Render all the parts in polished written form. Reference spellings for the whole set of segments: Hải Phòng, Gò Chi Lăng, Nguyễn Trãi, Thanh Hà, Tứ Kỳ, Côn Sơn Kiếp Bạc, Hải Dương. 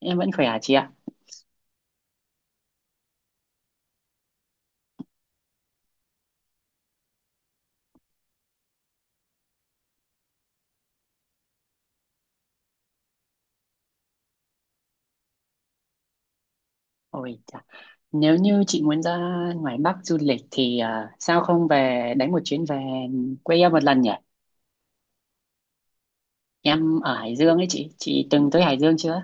Em vẫn khỏe hả chị ạ? Ôi chà. Nếu như chị muốn ra ngoài Bắc du lịch thì sao không về đánh một chuyến về quê em một lần nhỉ? Em ở Hải Dương ấy chị từng tới Hải Dương chưa?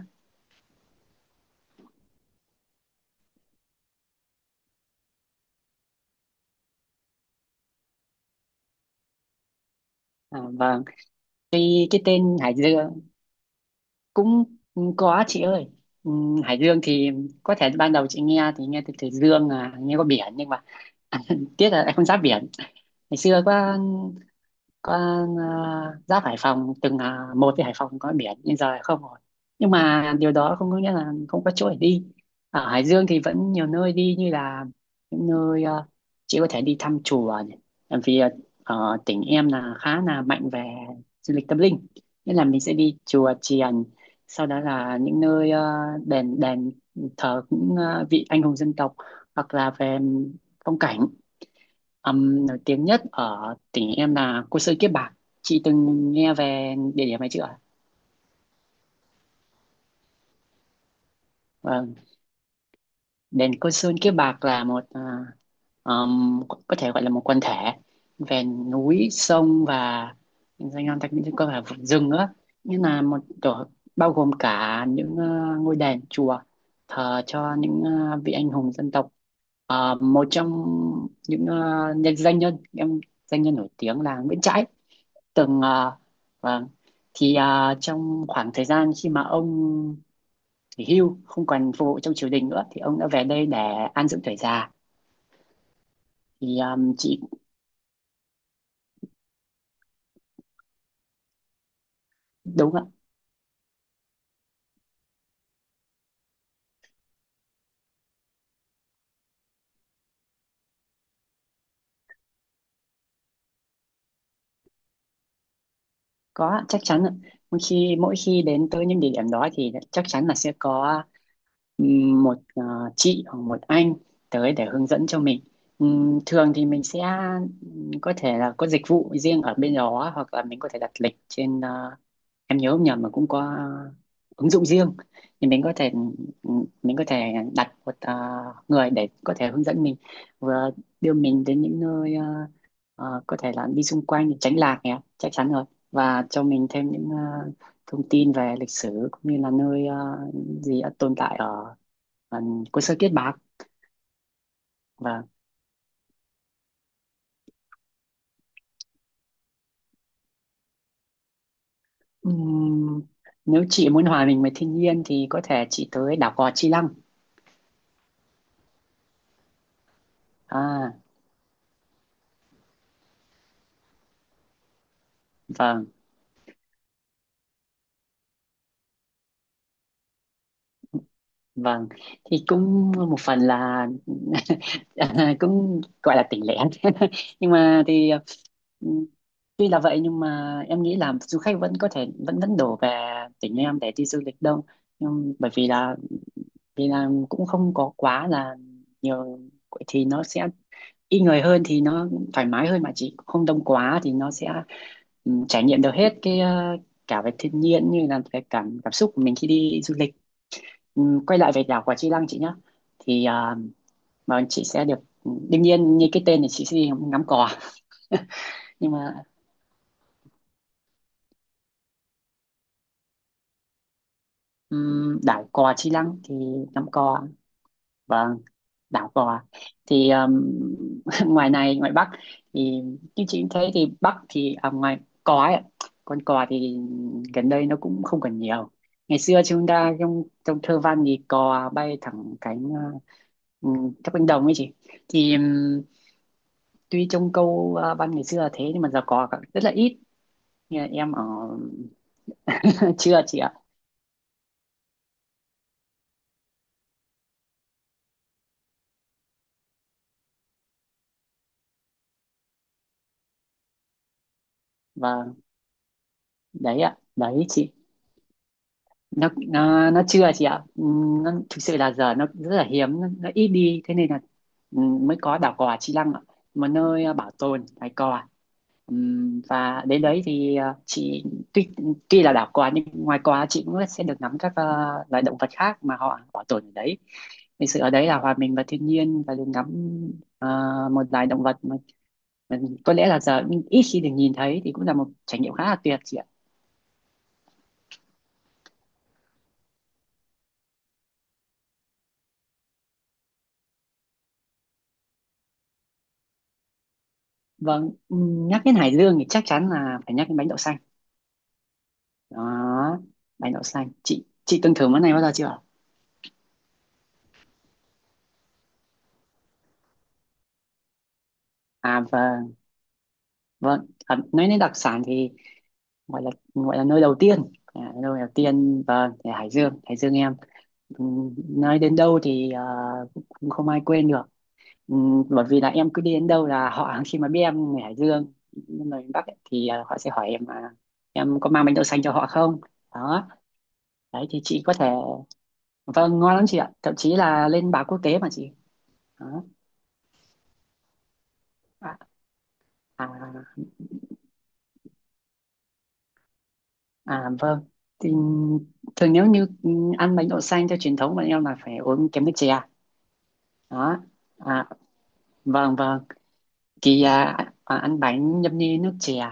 À, vâng, tuy cái tên Hải Dương cũng có chị ơi. Hải Dương thì có thể ban đầu chị nghe thì nghe từ Dương à, nghe có biển nhưng mà tiếc là em không giáp biển. Ngày xưa có. Con giáp Hải Phòng, từng là một với Hải Phòng có biển nhưng giờ không rồi, nhưng mà điều đó không có nghĩa là không có chỗ để đi. Ở Hải Dương thì vẫn nhiều nơi đi, như là những nơi chị có thể đi thăm chùa này. Tại vì ở tỉnh em là khá là mạnh về du lịch tâm linh, nên là mình sẽ đi chùa chiền, sau đó là những nơi đền đền thờ những vị anh hùng dân tộc, hoặc là về phong cảnh. Nổi tiếng nhất ở tỉnh em là Côn Sơn Kiếp Bạc. Chị từng nghe về địa điểm này chưa ạ? Vâng, đền Côn Sơn Kiếp Bạc là có thể gọi là một quần thể về núi, sông và danh lam thắng cảnh, có cả vùng rừng nữa. Như là một tổ bao gồm cả những ngôi đền chùa thờ cho những vị anh hùng dân tộc. Một trong những nhân danh nhân em danh nhân nổi tiếng là Nguyễn Trãi, từng vâng, trong khoảng thời gian khi mà ông nghỉ hưu, không còn phục vụ trong triều đình nữa, thì ông đã về đây để an dưỡng tuổi già. Chị đúng ạ. Có ạ, chắc chắn ạ. Mỗi khi đến tới những địa điểm đó thì chắc chắn là sẽ có một chị hoặc một anh tới để hướng dẫn cho mình. Thường thì mình sẽ có thể là có dịch vụ riêng ở bên đó, hoặc là mình có thể đặt lịch trên em nhớ không nhầm mà cũng có ứng dụng riêng, thì mình có thể đặt một người để có thể hướng dẫn mình, vừa đưa mình đến những nơi có thể là đi xung quanh để tránh lạc nhé, chắc chắn rồi, và cho mình thêm những thông tin về lịch sử, cũng như là nơi gì đã tồn tại ở cô Sơ Kiết Bạc. Và ừm, nếu chị muốn hòa mình với thiên nhiên thì có thể chị tới đảo Gò Chi Lăng. à vâng, vâng, thì cũng một phần là cũng gọi là tỉnh lẻ, nhưng mà thì ừ, tuy là vậy nhưng mà em nghĩ là du khách vẫn có thể vẫn vẫn đổ về tỉnh em để đi du lịch đông, nhưng bởi vì là cũng không có quá là nhiều, thì nó sẽ ít người hơn, thì nó thoải mái hơn, mà chỉ không đông quá thì nó sẽ trải nghiệm được hết cái cả về thiên nhiên như là cái cảm cảm xúc của mình khi đi du lịch. Quay lại về đảo quả Chi Lăng chị nhé, thì à, mà chị sẽ được đương nhiên như cái tên thì chị sẽ đi ngắm cò, nhưng mà đảo cò Chi Lăng thì ngắm cò, và đảo cò thì ngoài này ngoài Bắc thì như chị cũng thấy thì Bắc thì ngoài cò ấy, con cò thì gần đây nó cũng không còn nhiều. Ngày xưa chúng ta trong trong thơ văn thì cò bay thẳng cánh, các cánh đồng ấy chị, thì tuy trông câu văn ngày xưa là thế nhưng mà giờ có rất là ít. Như là em ở chưa chị ạ. Và đấy ạ, đấy chị, nó chưa chị ạ. Nó thực sự là giờ nó rất là hiếm, nó ít đi, thế nên là mới có đảo cò Chi Lăng ạ, một nơi bảo tồn loài cò. Và đến đấy thì chị tuy tuy là đảo cò nhưng ngoài cò chị cũng sẽ được ngắm các loài động vật khác mà họ bảo tồn ở đấy. Thực sự ở đấy là hòa mình vào thiên nhiên và được ngắm à, một loài động vật Ừ, có lẽ là giờ ít khi được nhìn thấy, thì cũng là một trải nghiệm khá là tuyệt chị ạ. Vâng, nhắc đến Hải Dương thì chắc chắn là phải nhắc đến bánh đậu xanh. Đó, bánh đậu xanh, chị từng thử món này bao giờ chưa? À, vâng, vâng, nói đến đặc sản thì gọi là nơi đầu tiên, nơi đầu tiên, vâng, thì Hải Dương, em nói đến đâu thì cũng cũng không ai quên được. Ừ, Bởi vì là em cứ đi đến đâu là họ, khi mà biết em người Hải Dương, người miền Bắc ấy, thì họ sẽ hỏi em là em có mang bánh đậu xanh cho họ không. Đó, đấy thì chị có thể, vâng, ngon lắm chị ạ, thậm chí là lên báo quốc tế mà chị. Đó. à, à, vâng, thì thường nếu như ăn bánh đậu xanh theo truyền thống bọn em là phải uống kèm nước chè. Đó. à, vâng, vâng, thì à, ăn bánh nhâm nhi nước chè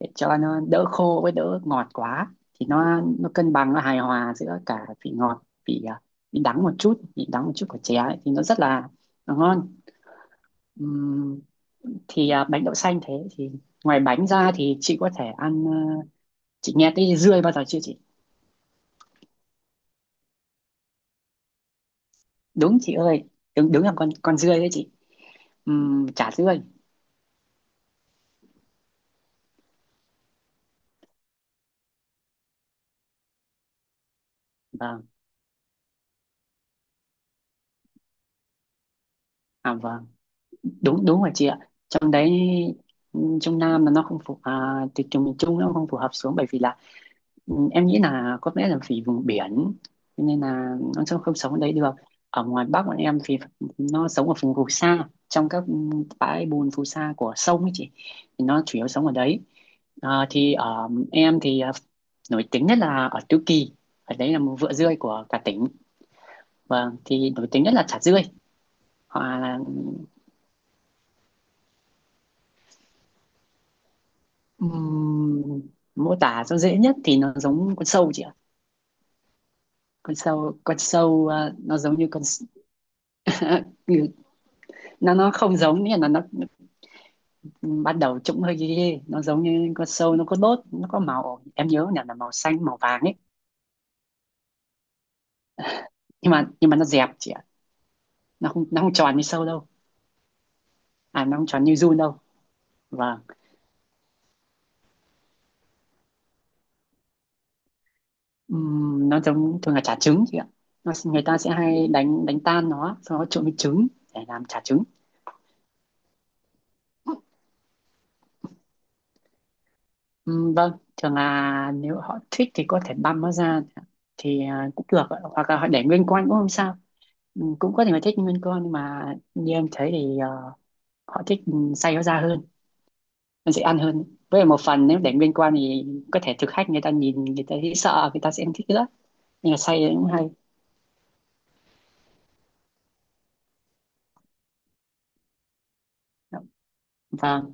để cho nó đỡ khô với đỡ ngọt quá, thì nó cân bằng, nó hài hòa giữa cả vị ngọt, vị vị đắng một chút của chè ấy, thì nó rất là ngon. Ừm, Bánh đậu xanh thế thì ngoài bánh ra thì chị có thể ăn chị nghe tới dươi bao giờ chưa chị? Đúng chị ơi, đúng đúng là con dươi đấy chị. Chả dươi. Vâng, vâng, đúng đúng rồi chị ạ. Trong đấy, trong Nam là nó không thì trường miền Trung nó không phù hợp xuống, bởi vì là em nghĩ là có lẽ là vì vùng biển, cho nên là nó sẽ không sống ở đấy được. Ở ngoài Bắc bọn em thì nó sống ở vùng phù sa, trong các bãi bùn phù sa của sông ấy chị, thì nó chủ yếu sống ở đấy. Thì ở em thì nổi tiếng nhất là ở Tứ Kỳ, ở đấy là một vựa dươi của cả tỉnh. Vâng, thì nổi tiếng nhất là chả dươi, hoặc là Ừm, mô tả cho dễ nhất thì nó giống con sâu chị ạ. Con sâu, nó giống như như- nó không giống, nghĩa là nó bắt đầu trông hơi ghê ghê. Nó giống như con sâu, nó có đốt, nó có màu, em nhớ là màu xanh, màu vàng ấy. Nhưng mà nó dẹp chị ạ, nó không tròn như sâu đâu. Nó không tròn như giun đâu. Và nó giống, thường là chả trứng chị ạ. Nó, người ta sẽ hay đánh đánh tan nó, sau đó trộn với trứng để làm chả trứng. Ừ, vâng, thường là nếu họ thích thì có thể băm nó ra thì cũng được ạ. Hoặc là họ để nguyên con cũng không sao. Cũng có thể là thích nguyên con, nhưng mà như em thấy thì họ thích, xay nó ra hơn, nó dễ ăn hơn, với lại một phần nếu để nguyên con thì có thể thực khách người ta nhìn, người ta thấy sợ, người ta sẽ không thích nữa, nhưng là xay thì cũng hay. Vâng.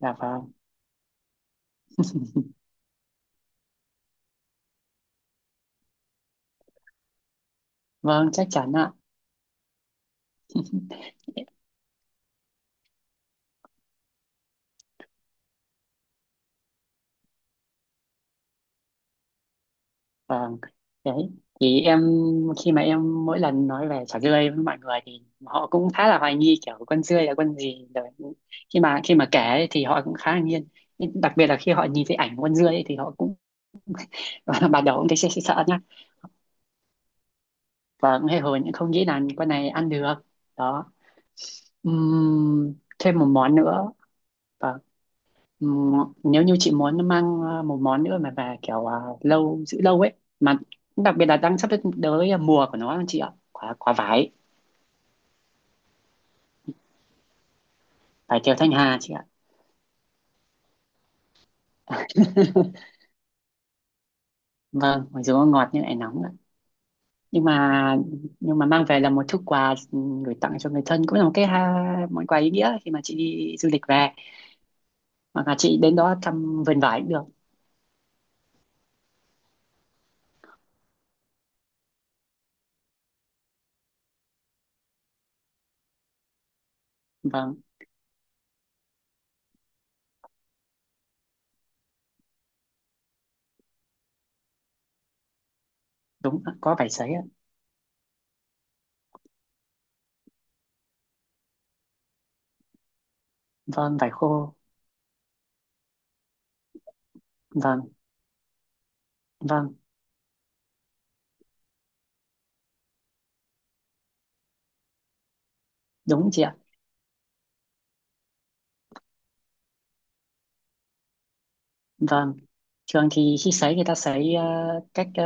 Dạ vâng, vâng, chắc chắn ạ. Vâng, đấy. Thì em, khi mà em mỗi lần nói về chả dươi với mọi người thì họ cũng khá là hoài nghi, kiểu con dươi là con gì, rồi khi mà kể ấy thì họ cũng khá là nghiêng. Nhưng đặc biệt là khi họ nhìn thấy ảnh con dươi ấy thì họ cũng ban đầu cũng thấy sợ sợ sợ nhá, và cũng hay hồi những không nghĩ là con này ăn được. Đó. Thêm một món nữa. Vâng. Ừm, Nếu như chị muốn mang một món nữa mà về kiểu lâu, giữ lâu ấy, mà đặc biệt là đang sắp tới là mùa của nó chị ạ, quả quả vải, vải thiều Thanh Hà chị ạ. Vâng, mặc dù nó ngọt nhưng lại nóng ạ. Nhưng mà nhưng mà mang về là một thứ quà gửi tặng cho người thân cũng là một cái ha, món quà ý nghĩa khi mà chị đi du lịch về, hoặc là chị đến đó thăm vườn vải cũng được. Vâng. Đúng ạ, có vải sấy ạ. Vâng, vải khô. Vâng, vâng, đúng chị ạ. Vâng, thường thì khi sấy người ta sấy cách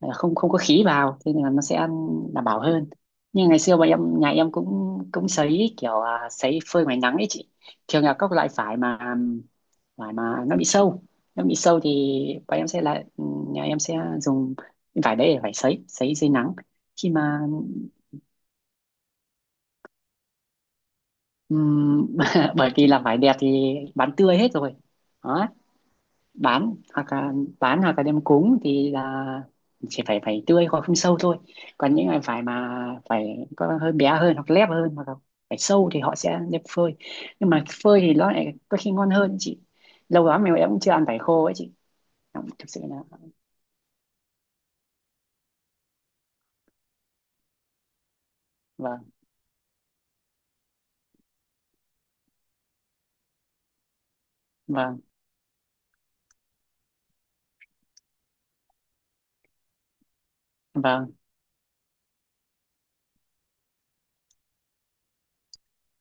ờ, không không có khí vào, thế nên là nó sẽ ăn đảm bảo hơn. Nhưng ngày xưa bọn em, nhà em cũng cũng sấy kiểu sấy phơi ngoài nắng ấy chị. Thường là các loại vải mà nó bị sâu, nó bị sâu thì bọn em sẽ lại nhà em sẽ dùng cái vải đấy để vải sấy, sấy dưới nắng. Khi mà ừm, bởi vì là vải đẹp thì bán tươi hết rồi. Đó, bán hoặc là bán hoặc là đem cúng thì là chỉ phải, phải tươi hoặc không sâu thôi, còn những cái phải mà phải có hơi bé hơn, hoặc lép hơn, hoặc là phải sâu thì họ sẽ đem phơi. Nhưng mà phơi thì nó lại có khi ngon hơn chị, lâu lắm mà em cũng chưa ăn vải khô ấy chị. Đúng, thực sự là vâng, vâng, vâng,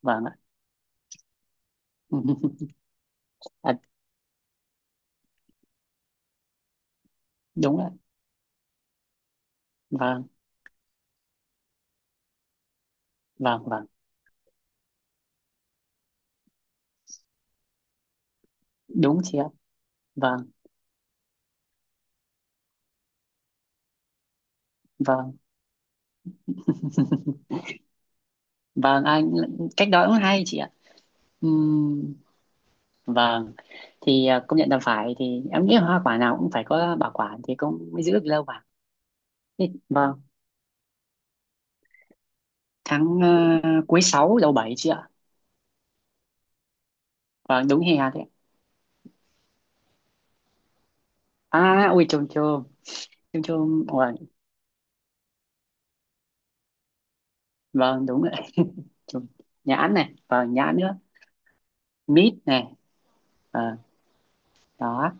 vâng ạ. à, Đúng ạ. Vâng, vâng, vâng, đúng chị ạ. Vâng, vâng, vâng anh, cách đó cũng hay chị ạ. Ừm, vâng, công nhận là phải, thì em nghĩ là hoa quả nào cũng phải có bảo quản thì cũng mới giữ được lâu mà. Thế, vâng, tháng cuối 6 đầu bảy chị ạ. Vâng, đúng, hè đấy. À ui, chôm chôm, chôm chôm, vâng, vâng, đúng rồi. Chôm, nhãn này, vâng, nhãn nữa, mít này, vâng. Đó.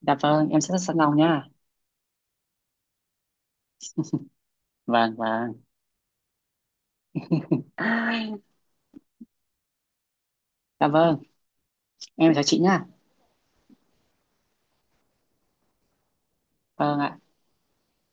Dạ vâng, em sẽ sẵn lòng nha. Vâng, vâng. Dạ vâng, em chào chị nha. Vâng ạ.